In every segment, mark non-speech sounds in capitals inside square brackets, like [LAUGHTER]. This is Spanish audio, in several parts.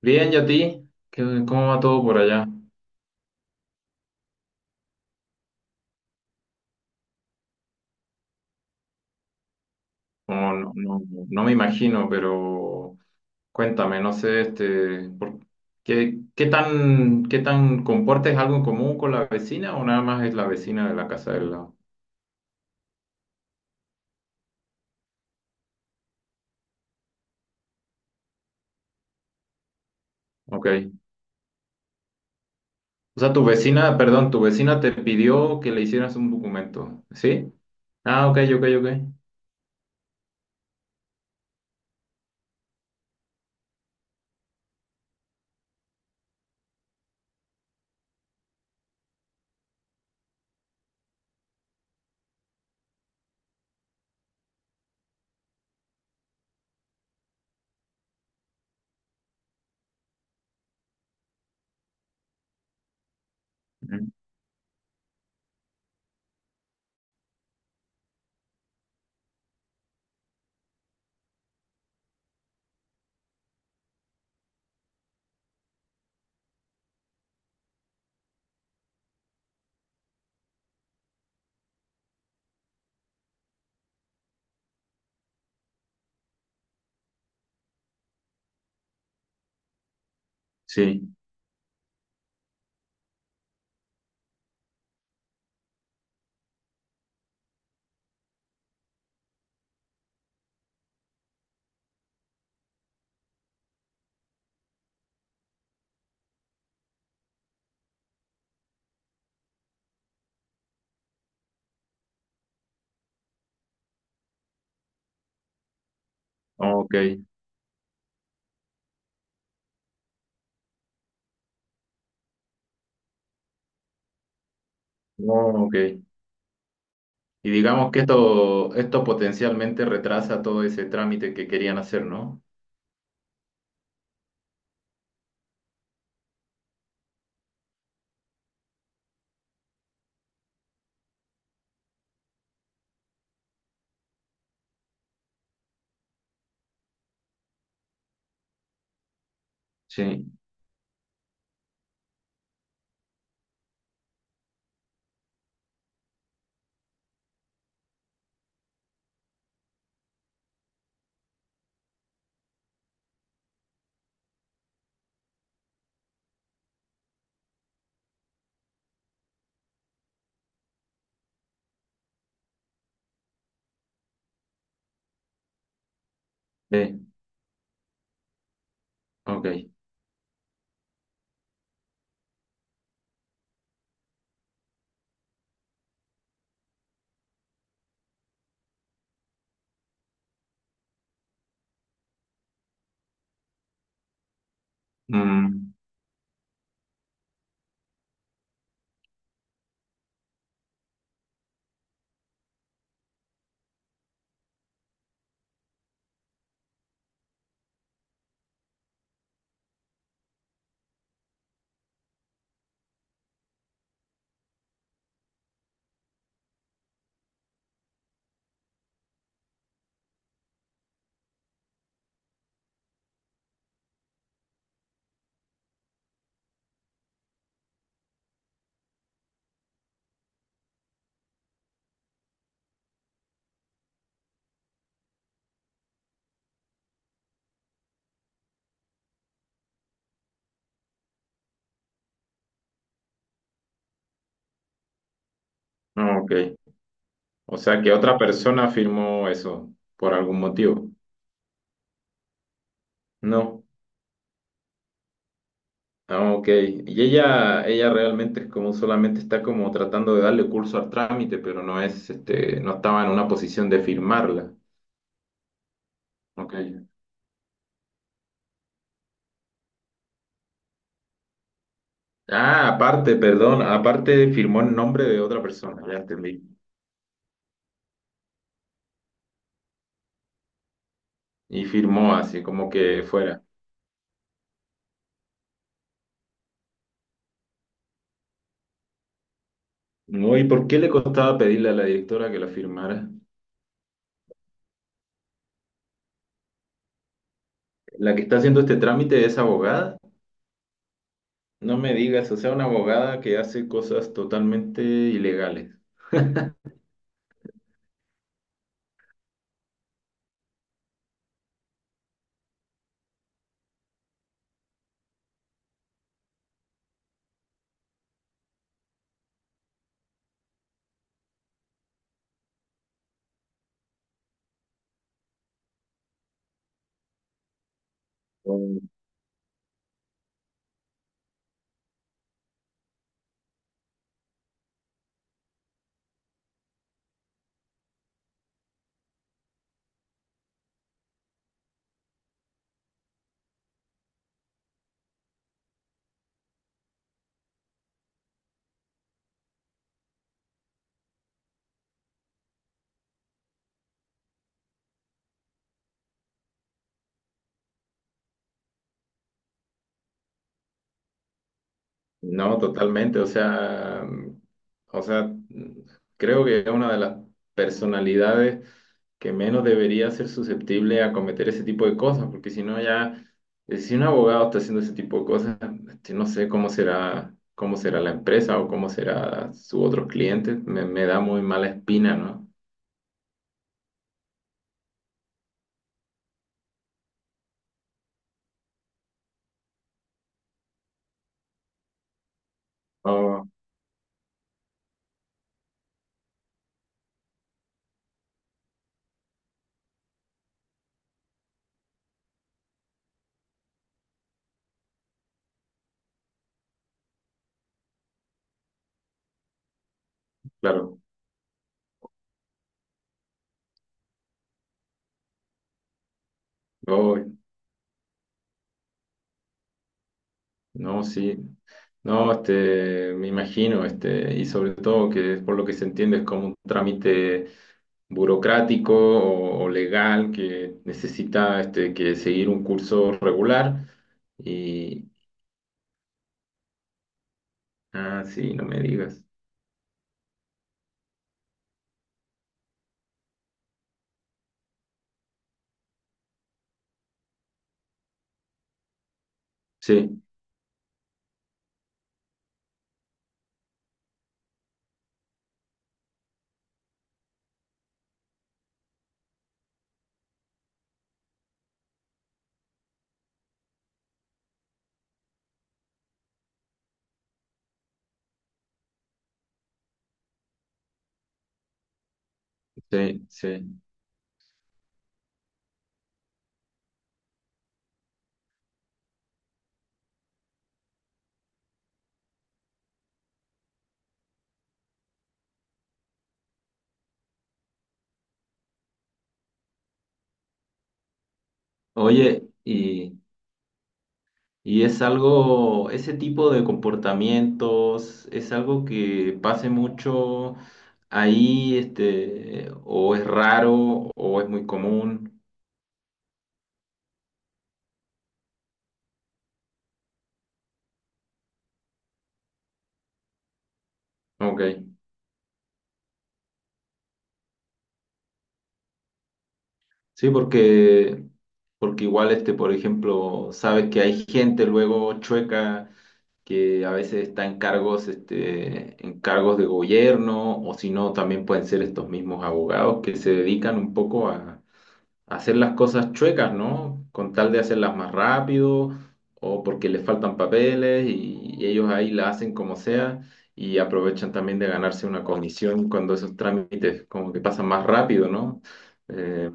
Bien, ¿y a ti? ¿Cómo va todo por allá? No, no, no me imagino, pero cuéntame, no sé, este, ¿qué tan compartes algo en común con la vecina o nada más es la vecina de la casa del lado? Ok. O sea, tu vecina, perdón, tu vecina te pidió que le hicieras un documento, ¿sí? Ah, ok, ok, ok. Ujú. Sí, ok. Oh, ok. Y digamos que esto, potencialmente retrasa todo ese trámite que querían hacer, ¿no? Sí. Sí, ok. Mm, no, ok. O sea que otra persona firmó eso por algún motivo. No. Ah, ok. Y ella realmente es como solamente está como tratando de darle curso al trámite, pero no es, este, no estaba en una posición de firmarla. Ok. Ah, aparte, perdón, aparte firmó en nombre de otra persona, ya entendí. Y firmó así, como que fuera. No, ¿y por qué le costaba pedirle a la directora que la firmara? ¿La que está haciendo este trámite es abogada? No me digas, o sea, una abogada que hace cosas totalmente ilegales. Mm. No, totalmente, o sea, o sea, creo que es una de las personalidades que menos debería ser susceptible a cometer ese tipo de cosas, porque si no ya, si un abogado está haciendo ese tipo de cosas, este, no sé cómo será, la empresa o cómo será sus otros clientes, me da muy mala espina, ¿no? Oh, claro. Oh. No, sí. No, este, me imagino, este, y sobre todo que por lo que se entiende es como un trámite burocrático o legal que necesita este, que seguir un curso regular. Y, ah, sí, no me digas. Sí, sí, sí. Oye, y es algo, ese tipo de comportamientos, es algo que pase mucho ahí, este, o es raro, o es muy común. Ok. Sí, porque igual, este, por ejemplo, sabes que hay gente luego chueca que a veces está en cargos, este, en cargos de gobierno, o si no, también pueden ser estos mismos abogados que se dedican un poco a hacer las cosas chuecas, ¿no? Con tal de hacerlas más rápido o porque les faltan papeles y ellos ahí la hacen como sea y aprovechan también de ganarse una comisión cuando esos trámites como que pasan más rápido, ¿no? Eh,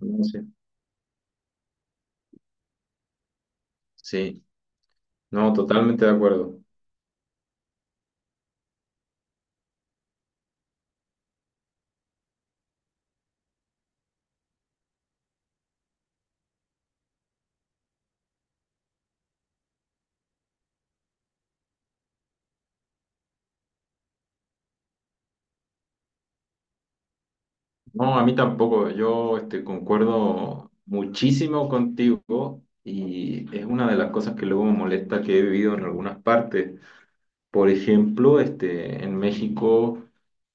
no sé. Sí, no, totalmente de acuerdo. No, a mí tampoco, yo este, concuerdo muchísimo contigo y es una de las cosas que luego me molesta que he vivido en algunas partes. Por ejemplo, este, en México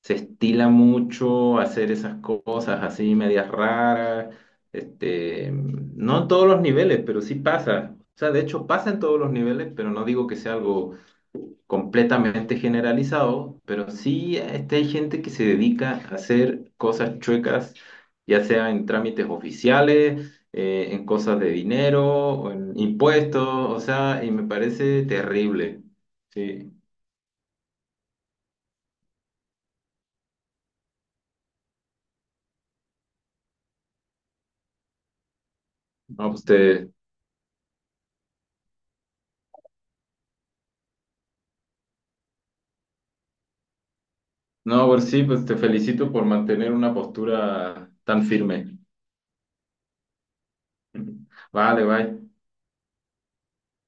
se estila mucho hacer esas cosas así, medias raras, este, no en todos los niveles, pero sí pasa. O sea, de hecho pasa en todos los niveles, pero no digo que sea algo completamente generalizado, pero sí este, hay gente que se dedica a hacer cosas chuecas, ya sea en trámites oficiales, en cosas de dinero, o en impuestos, o sea, y me parece terrible. Sí. No, pues te, no, pues sí, pues te felicito por mantener una postura tan firme. [LAUGHS] Vale, bye.